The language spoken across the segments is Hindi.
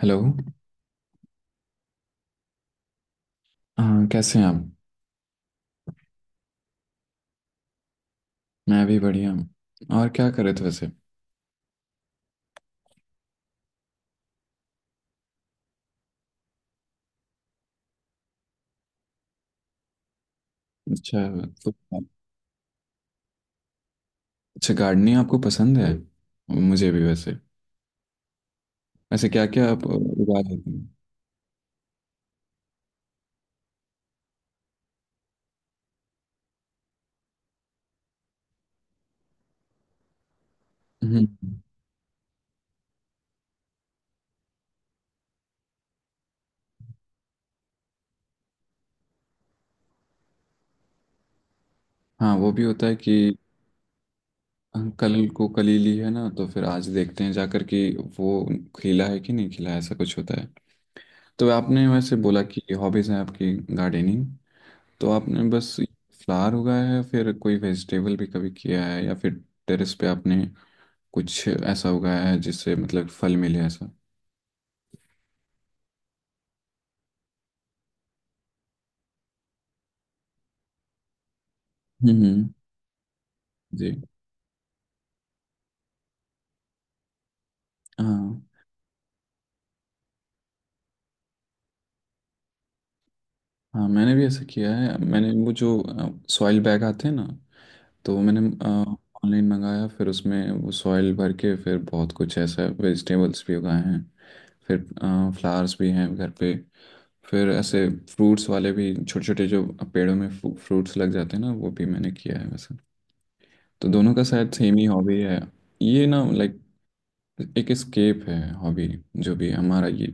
हेलो। हाँ, कैसे हैं आप? मैं भी बढ़िया हूँ। और क्या करे थे वैसे? अच्छा। तो। अच्छा, गार्डनिंग आपको पसंद है। मुझे भी वैसे। वैसे क्या क्या आप उगा लेते हैं? हम्म। हाँ वो भी होता है कि कल को कली ली है ना तो फिर आज देखते हैं जाकर कि वो खिला है कि नहीं खिला है, ऐसा कुछ होता है। तो आपने वैसे बोला कि हॉबीज़ हैं आपकी गार्डनिंग। तो आपने बस फ्लावर उगाया है, फिर कोई वेजिटेबल भी कभी किया है या फिर टेरेस पे आपने कुछ ऐसा उगाया है जिससे मतलब फल मिले ऐसा? हम्म। जी। हाँ। हाँ मैंने भी ऐसा किया है। मैंने वो जो सॉइल बैग आते हैं ना, तो वो मैंने ऑनलाइन मंगाया, फिर उसमें वो सॉइल भर के फिर बहुत कुछ ऐसा वेजिटेबल्स भी उगाए हैं, फिर फ्लावर्स भी हैं घर पे, फिर ऐसे फ्रूट्स वाले भी छोटे छोटे जो पेड़ों में फ्रूट्स लग जाते हैं ना वो भी मैंने किया है वैसे। तो दोनों का शायद सेम ही हॉबी है। ये ना, लाइक एक स्केप है हॉबी, जो भी है हमारा ये।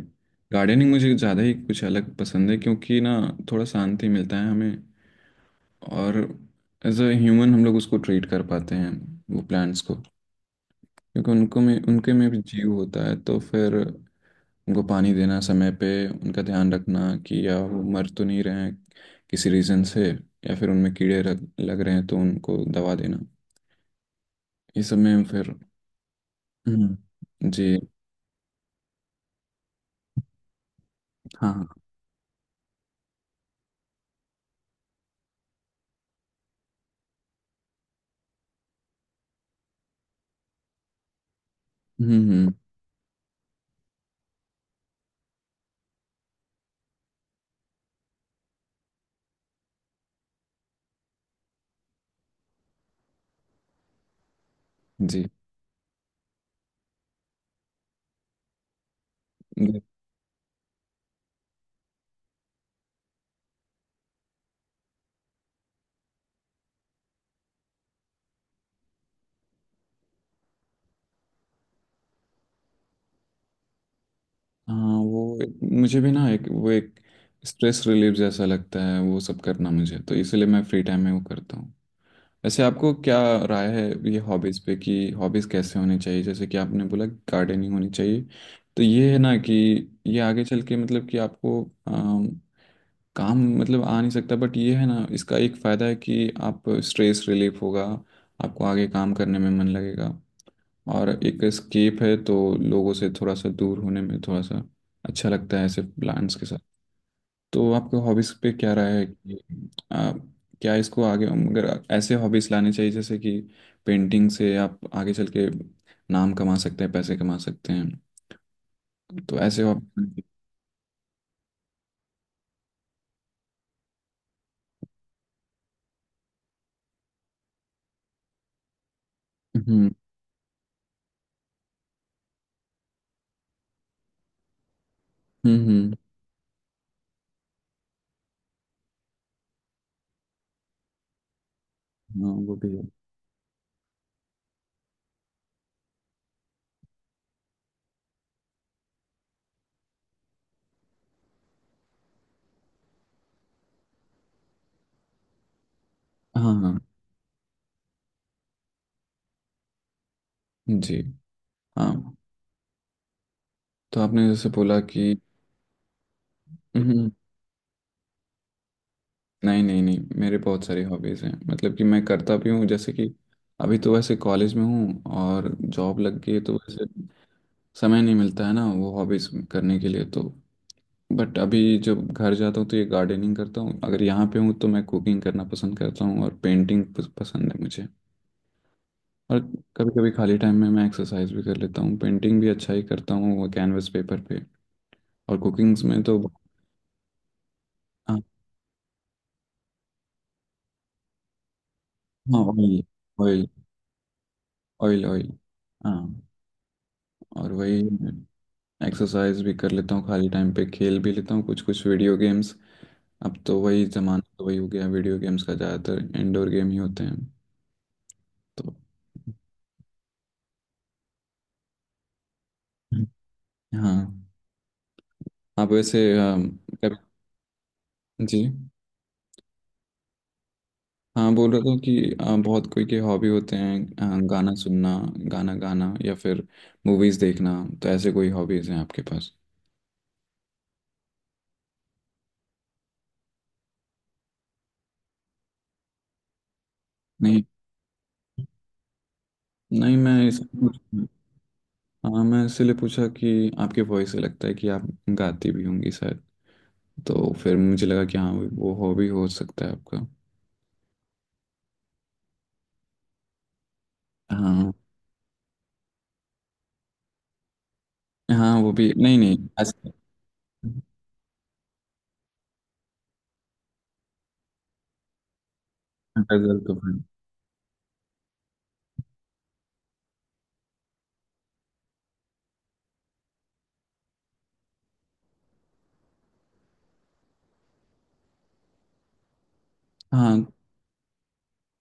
गार्डनिंग मुझे ज़्यादा ही कुछ अलग पसंद है क्योंकि ना थोड़ा शांति मिलता है हमें, और एज अ ह्यूमन हम लोग उसको ट्रीट कर पाते हैं वो प्लांट्स को, क्योंकि उनको में उनके में भी जीव होता है। तो फिर उनको पानी देना, समय पे उनका ध्यान रखना कि या वो मर तो नहीं रहे हैं किसी रीज़न से, या फिर उनमें कीड़े लग रहे हैं तो उनको दवा देना, ये सब में फिर। हम्म। जी। हाँ हाँ। हम्म। जी। हाँ वो मुझे भी ना एक वो एक स्ट्रेस रिलीफ जैसा लगता है वो सब करना मुझे, तो इसलिए मैं फ्री टाइम में वो करता हूँ। वैसे आपको क्या राय है ये हॉबीज़ पे कि हॉबीज़ कैसे होनी चाहिए? जैसे कि आपने बोला गार्डनिंग होनी चाहिए। तो ये है ना कि ये आगे चल के मतलब कि आपको काम मतलब आ नहीं सकता, बट ये है ना इसका एक फ़ायदा है कि आप स्ट्रेस रिलीफ होगा, आपको आगे काम करने में मन लगेगा, और एक स्केप है तो लोगों से थोड़ा सा दूर होने में थोड़ा सा अच्छा लगता है ऐसे प्लान्स के साथ। तो आपके हॉबीज पे क्या राय है कि आ, क्या इसको आगे अगर ऐसे हॉबीज लाने चाहिए, जैसे कि पेंटिंग से आप आगे चल के नाम कमा सकते हैं पैसे कमा सकते हैं? तो ऐसे हॉबी। हम्म हम्म। हम्म। हाँ वो भी है। हाँ हाँ। जी। हाँ, तो आपने जैसे बोला कि। हम्म। नहीं नहीं नहीं, मेरे बहुत सारी हॉबीज़ हैं मतलब कि मैं करता भी हूँ, जैसे कि अभी तो वैसे कॉलेज में हूँ और जॉब लग गई है, तो वैसे समय नहीं मिलता है ना वो हॉबीज़ करने के लिए तो। बट अभी जब घर जाता हूँ तो ये गार्डनिंग करता हूँ, अगर यहाँ पे हूँ तो मैं कुकिंग करना पसंद करता हूँ और पेंटिंग पसंद है मुझे। और कभी कभी खाली टाइम में मैं एक्सरसाइज भी कर लेता हूँ, पेंटिंग भी अच्छा ही करता हूँ वो कैनवस पेपर पे। और कुकिंग्स में तो। हाँ। ऑयल। ऑयल। Oil oil. हाँ oil, oil, oil। हाँ, और वही एक्सरसाइज भी कर लेता हूँ खाली टाइम पे, खेल भी लेता हूँ कुछ कुछ वीडियो गेम्स। अब तो वही जमाना तो वही हो गया वीडियो गेम्स का, ज़्यादातर इंडोर गेम ही होते हैं। तो हाँ। आप वैसे कभी। जी। हाँ बोल रहा था कि बहुत कोई के हॉबी होते हैं। गाना सुनना, गाना गाना, या फिर मूवीज़ देखना। तो ऐसे कोई हॉबीज़ हैं आपके पास? नहीं नहीं मैं इस। हाँ मैं इसलिए पूछा कि आपके वॉइस से लगता है कि आप गाती भी होंगी शायद, तो फिर मुझे लगा कि हाँ वो हॉबी हो सकता है आपका। हाँ। हाँ वो भी नहीं नहीं ऐसे-। गजल तो फिर-। हाँ,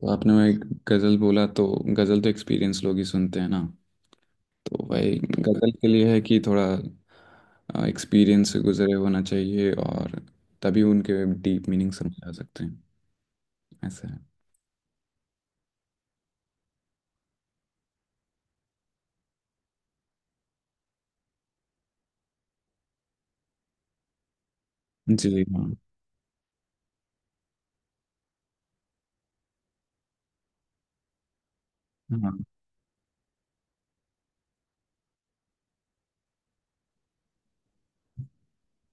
तो आपने मैं गजल बोला तो, गजल तो एक्सपीरियंस लोग ही सुनते हैं ना। तो भाई गजल के लिए है कि थोड़ा एक्सपीरियंस से गुजरे होना चाहिए, और तभी उनके डीप मीनिंग समझ आ सकते हैं, ऐसा है। जी। हाँ।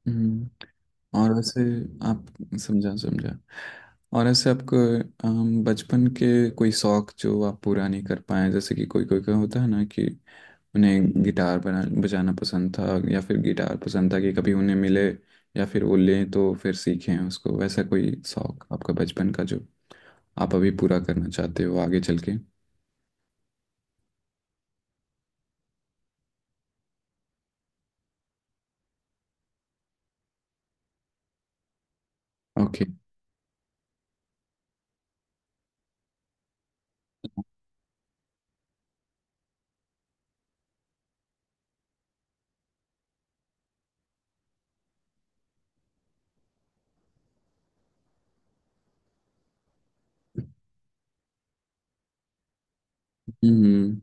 हम्म। और वैसे आप। समझा समझा। और ऐसे आपको बचपन के कोई शौक जो आप पूरा नहीं कर पाए, जैसे कि कोई कोई का होता है ना कि उन्हें गिटार बना बजाना पसंद था, या फिर गिटार पसंद था कि कभी उन्हें मिले, या फिर वो लें तो फिर सीखें उसको, वैसा कोई शौक आपका बचपन का जो आप अभी पूरा करना चाहते हो आगे चल के? ओके। हम्म।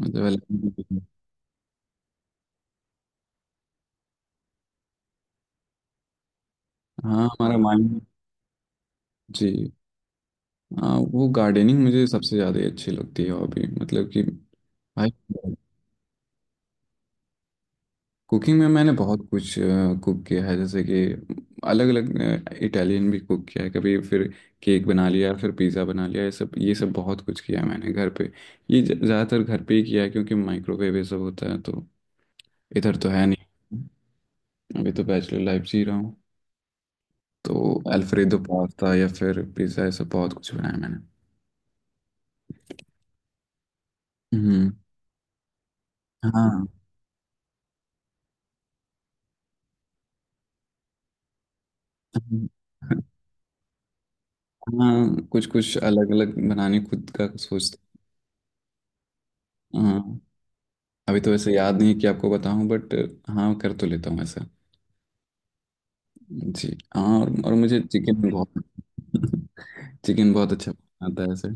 मतलब अलग-। हाँ हमारा माइंड। जी। हाँ वो गार्डनिंग मुझे सबसे ज़्यादा अच्छी लगती है हॉबी मतलब कि। भाई कुकिंग में मैंने बहुत कुछ कुक किया है, जैसे कि अलग अलग इटालियन भी कुक किया है कभी, फिर केक बना लिया, फिर पिज़्ज़ा बना लिया, ये सब बहुत कुछ किया है मैंने घर पे। ये ज़्यादातर घर पे ही किया है क्योंकि माइक्रोवेव ये सब होता है तो, इधर तो है नहीं, अभी तो बैचलर लाइफ जी रहा हूँ। तो अल्फ्रेडो पास्ता या फिर पिज़्ज़ा ये सब बहुत कुछ बनाया मैंने। हम्म। हाँ। हाँ कुछ कुछ अलग अलग बनाने खुद का सोचते हैं। हाँ अभी तो वैसे याद नहीं है कि आपको बताऊं बट, हाँ कर तो लेता हूँ ऐसा। जी। हाँ, और मुझे चिकन बहुत चिकन बहुत अच्छा आता है ऐसे।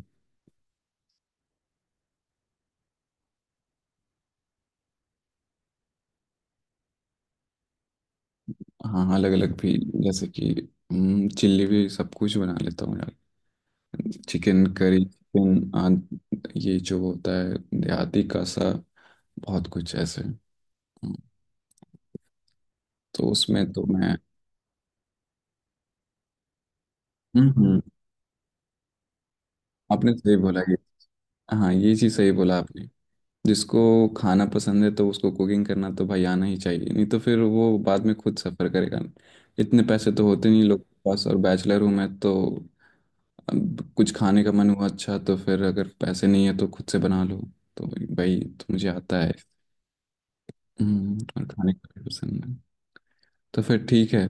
हाँ अलग अलग भी जैसे कि चिल्ली भी सब कुछ बना लेता हूँ यार, चिकन करी चिकन आद ये जो होता है देहाती का सा, बहुत कुछ ऐसे। हम्म। तो उसमें तो मैं। हम्म। आपने सही बोला ये। हाँ ये चीज़ सही बोला आपने। जिसको खाना पसंद है तो उसको कुकिंग करना तो भाई आना ही चाहिए, नहीं तो फिर वो बाद में खुद सफ़र करेगा, इतने पैसे तो होते नहीं लोग के पास और बैचलर हूँ मैं तो। अब कुछ खाने का मन हुआ अच्छा तो फिर अगर पैसे नहीं है तो खुद से बना लो। तो भाई तो मुझे आता है। और खाने का भी पसंद है। तो फिर ठीक है।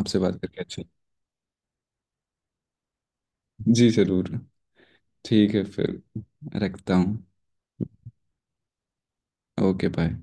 आपसे बात करके अच्छा। जी ज़रूर। ठीक है फिर, रखता हूँ। Okay bye.